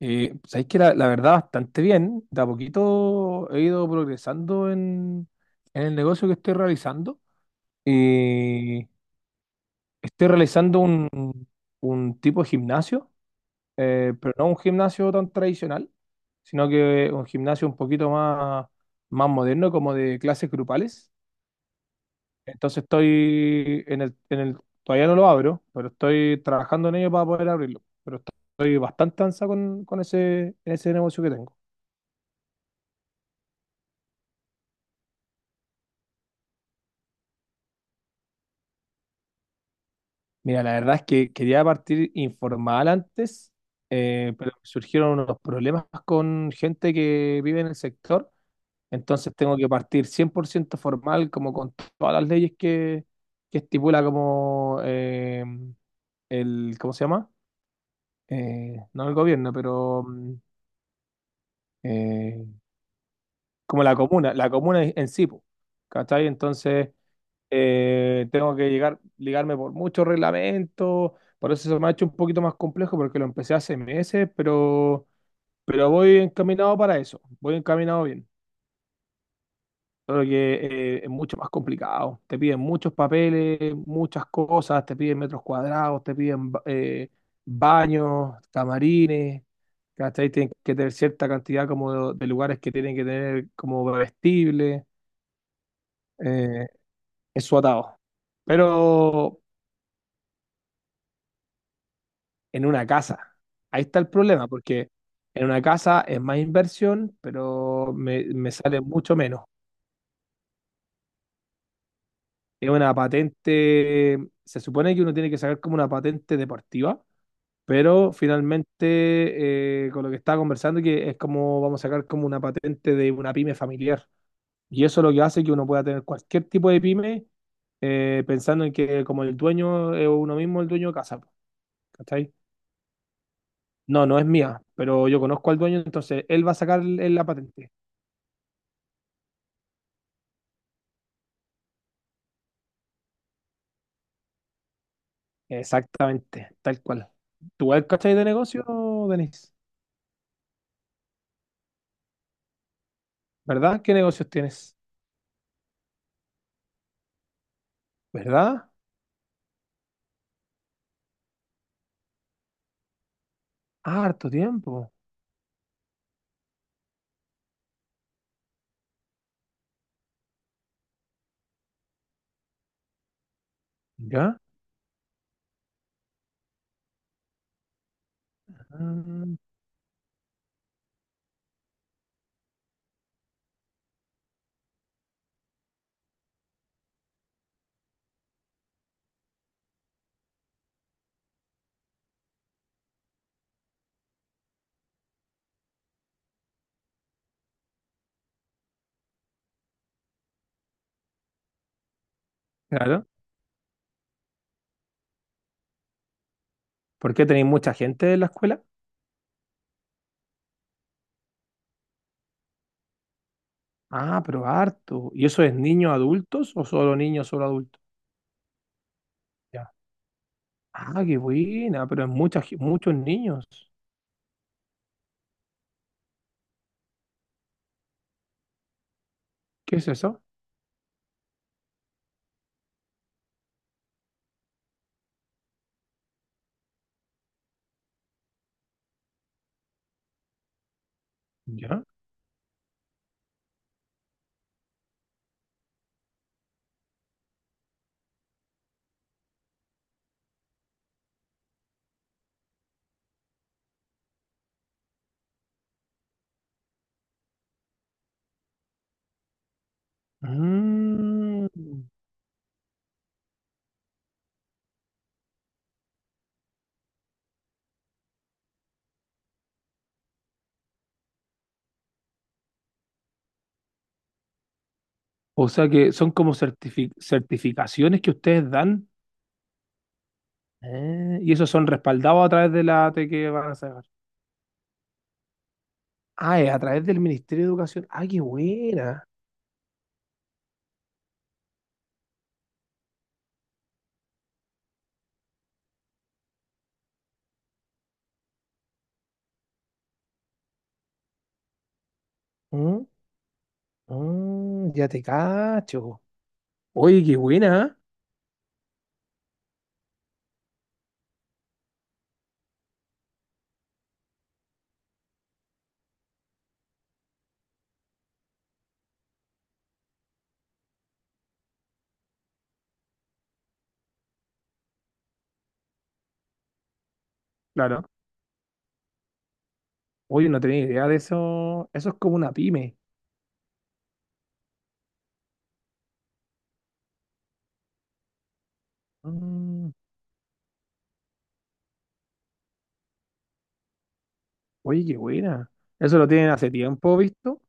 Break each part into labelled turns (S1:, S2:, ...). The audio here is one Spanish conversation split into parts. S1: Sabéis que la verdad bastante bien, de a poquito he ido progresando en el negocio que estoy realizando. Y estoy realizando un tipo de gimnasio, pero no un gimnasio tan tradicional, sino que un gimnasio un poquito más, más moderno, como de clases grupales. Entonces estoy en el, todavía no lo abro, pero estoy trabajando en ello para poder abrirlo. Pero estoy bastante ansa con ese negocio que tengo. Mira, la verdad es que quería partir informal antes, pero surgieron unos problemas con gente que vive en el sector, entonces tengo que partir 100% formal, como con todas las leyes que estipula como el, ¿cómo se llama? No el gobierno, pero eh, como la comuna en sí, po, ¿cachai? Entonces, tengo que llegar, ligarme por muchos reglamentos, por eso se me ha hecho un poquito más complejo porque lo empecé hace meses, pero voy encaminado para eso, voy encaminado bien, solo que es mucho más complicado, te piden muchos papeles, muchas cosas, te piden metros cuadrados, te piden baños, camarines. ¿Cachai? Tienen que tener cierta cantidad como de lugares que tienen que tener como vestibles, eh, es su atado. Pero, en una casa. Ahí está el problema, porque en una casa es más inversión, pero me sale mucho menos. Es una patente, se supone que uno tiene que sacar como una patente deportiva, pero finalmente con lo que estaba conversando, que es como vamos a sacar como una patente de una pyme familiar. Y eso es lo que hace que uno pueda tener cualquier tipo de pyme, pensando en que como el dueño es uno mismo el dueño de casa, ¿cachai? No, no es mía, pero yo conozco al dueño, entonces él va a sacar la patente. Exactamente, tal cual. ¿Tú eres cachai de negocio, Denis? ¿Verdad? ¿Qué negocios tienes? ¿Verdad? Ah, harto tiempo. ¿Ya? Ah, claro. ¿Por qué tenéis mucha gente en la escuela? Ah, pero harto. ¿Y eso es niños adultos o solo niños, solo adultos? Ya. Ah, qué buena, pero es muchos niños. ¿Qué es eso? ¿Ya? Mm. O sea que son como certificaciones que ustedes dan y esos son respaldados a través de la AT que van a sacar. Ah, es a través del Ministerio de Educación. Ah, qué buena. Mm, mm, ya te cacho. Oye, qué buena. ¿Eh? Claro. Oye, no tenía idea de eso. Eso es como una pyme. Mm, oye, qué buena. ¿Eso lo tienen hace tiempo, visto,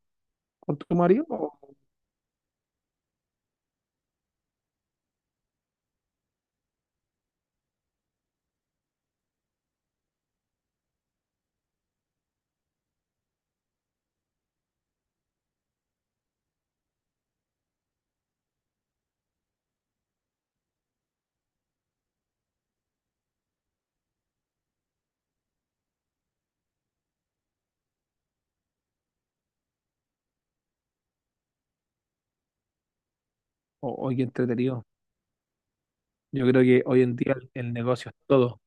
S1: con tu marido? O, oye, qué entretenido. Yo creo que hoy en día el negocio es todo.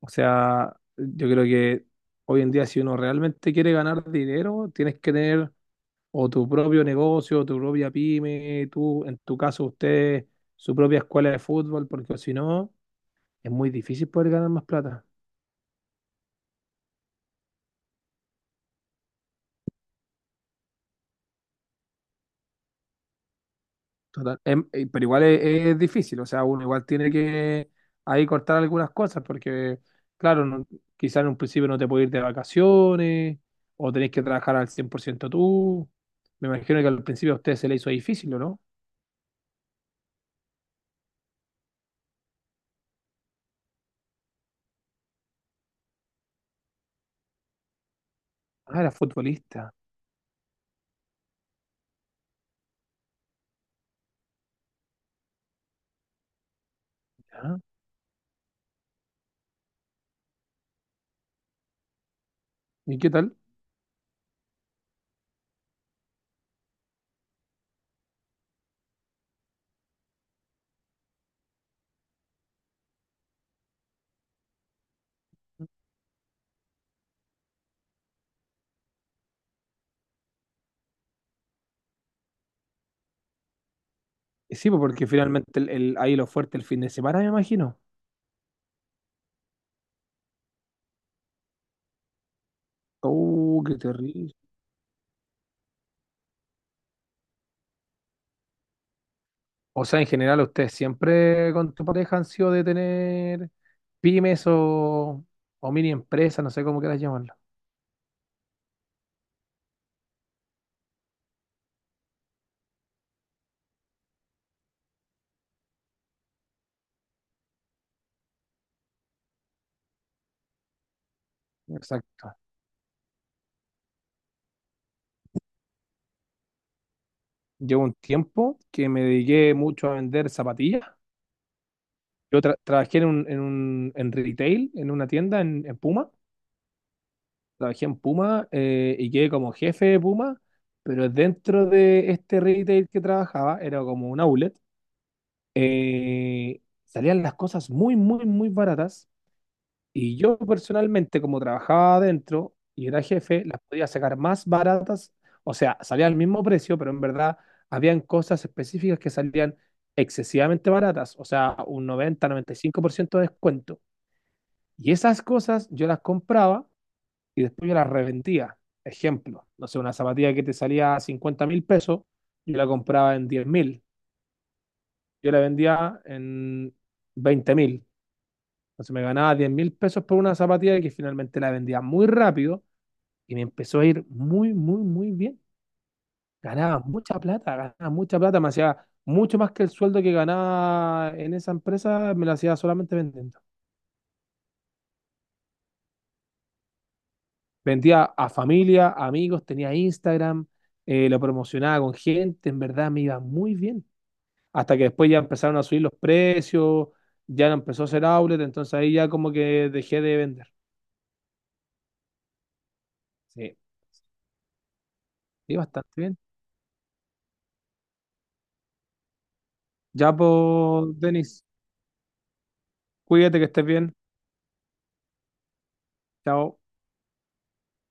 S1: O sea, yo creo que hoy en día si uno realmente quiere ganar dinero, tienes que tener o tu propio negocio, o tu propia pyme, tú, en tu caso usted, su propia escuela de fútbol, porque si no, es muy difícil poder ganar más plata. Total. Pero igual es difícil, o sea, uno igual tiene que ahí cortar algunas cosas, porque claro, no, quizás en un principio no te puedes ir de vacaciones, o tenés que trabajar al 100% tú. Me imagino que al principio a usted se le hizo difícil, ¿o no? Ah, era futbolista. Ya. ¿Y qué tal? Sí, pues, porque finalmente ahí lo fuerte el fin de semana, me imagino. Oh, qué terrible. O sea, en general, ustedes siempre con tu pareja han sido de tener pymes o mini empresas, no sé cómo quieras llamarlo. Exacto. Llevo un tiempo que me dediqué mucho a vender zapatillas. Yo trabajé en un, en en retail, en una tienda en Puma, trabajé en Puma y quedé como jefe de Puma, pero dentro de este retail que trabajaba, era como un outlet, salían las cosas muy, muy, muy baratas y yo personalmente, como trabajaba adentro y era jefe, las podía sacar más baratas, o sea, salía al mismo precio, pero en verdad habían cosas específicas que salían excesivamente baratas, o sea, un noventa 95% de descuento. Y esas cosas yo las compraba y después yo las reventía. Ejemplo, no sé, una zapatilla que te salía a 50 mil pesos, yo la compraba en 10.000, yo la vendía en 20.000. Entonces me ganaba 10.000 pesos por una zapatilla que finalmente la vendía muy rápido y me empezó a ir muy, muy, muy bien. Ganaba mucha plata, me hacía mucho más que el sueldo que ganaba en esa empresa, me lo hacía solamente vendiendo. Vendía a familia, amigos, tenía Instagram, lo promocionaba con gente, en verdad me iba muy bien. Hasta que después ya empezaron a subir los precios, ya no empezó a ser outlet, entonces ahí ya como que dejé de vender. Sí, sí, bastante bien. Ya, pues, Denis, cuídate que estés bien. Chao.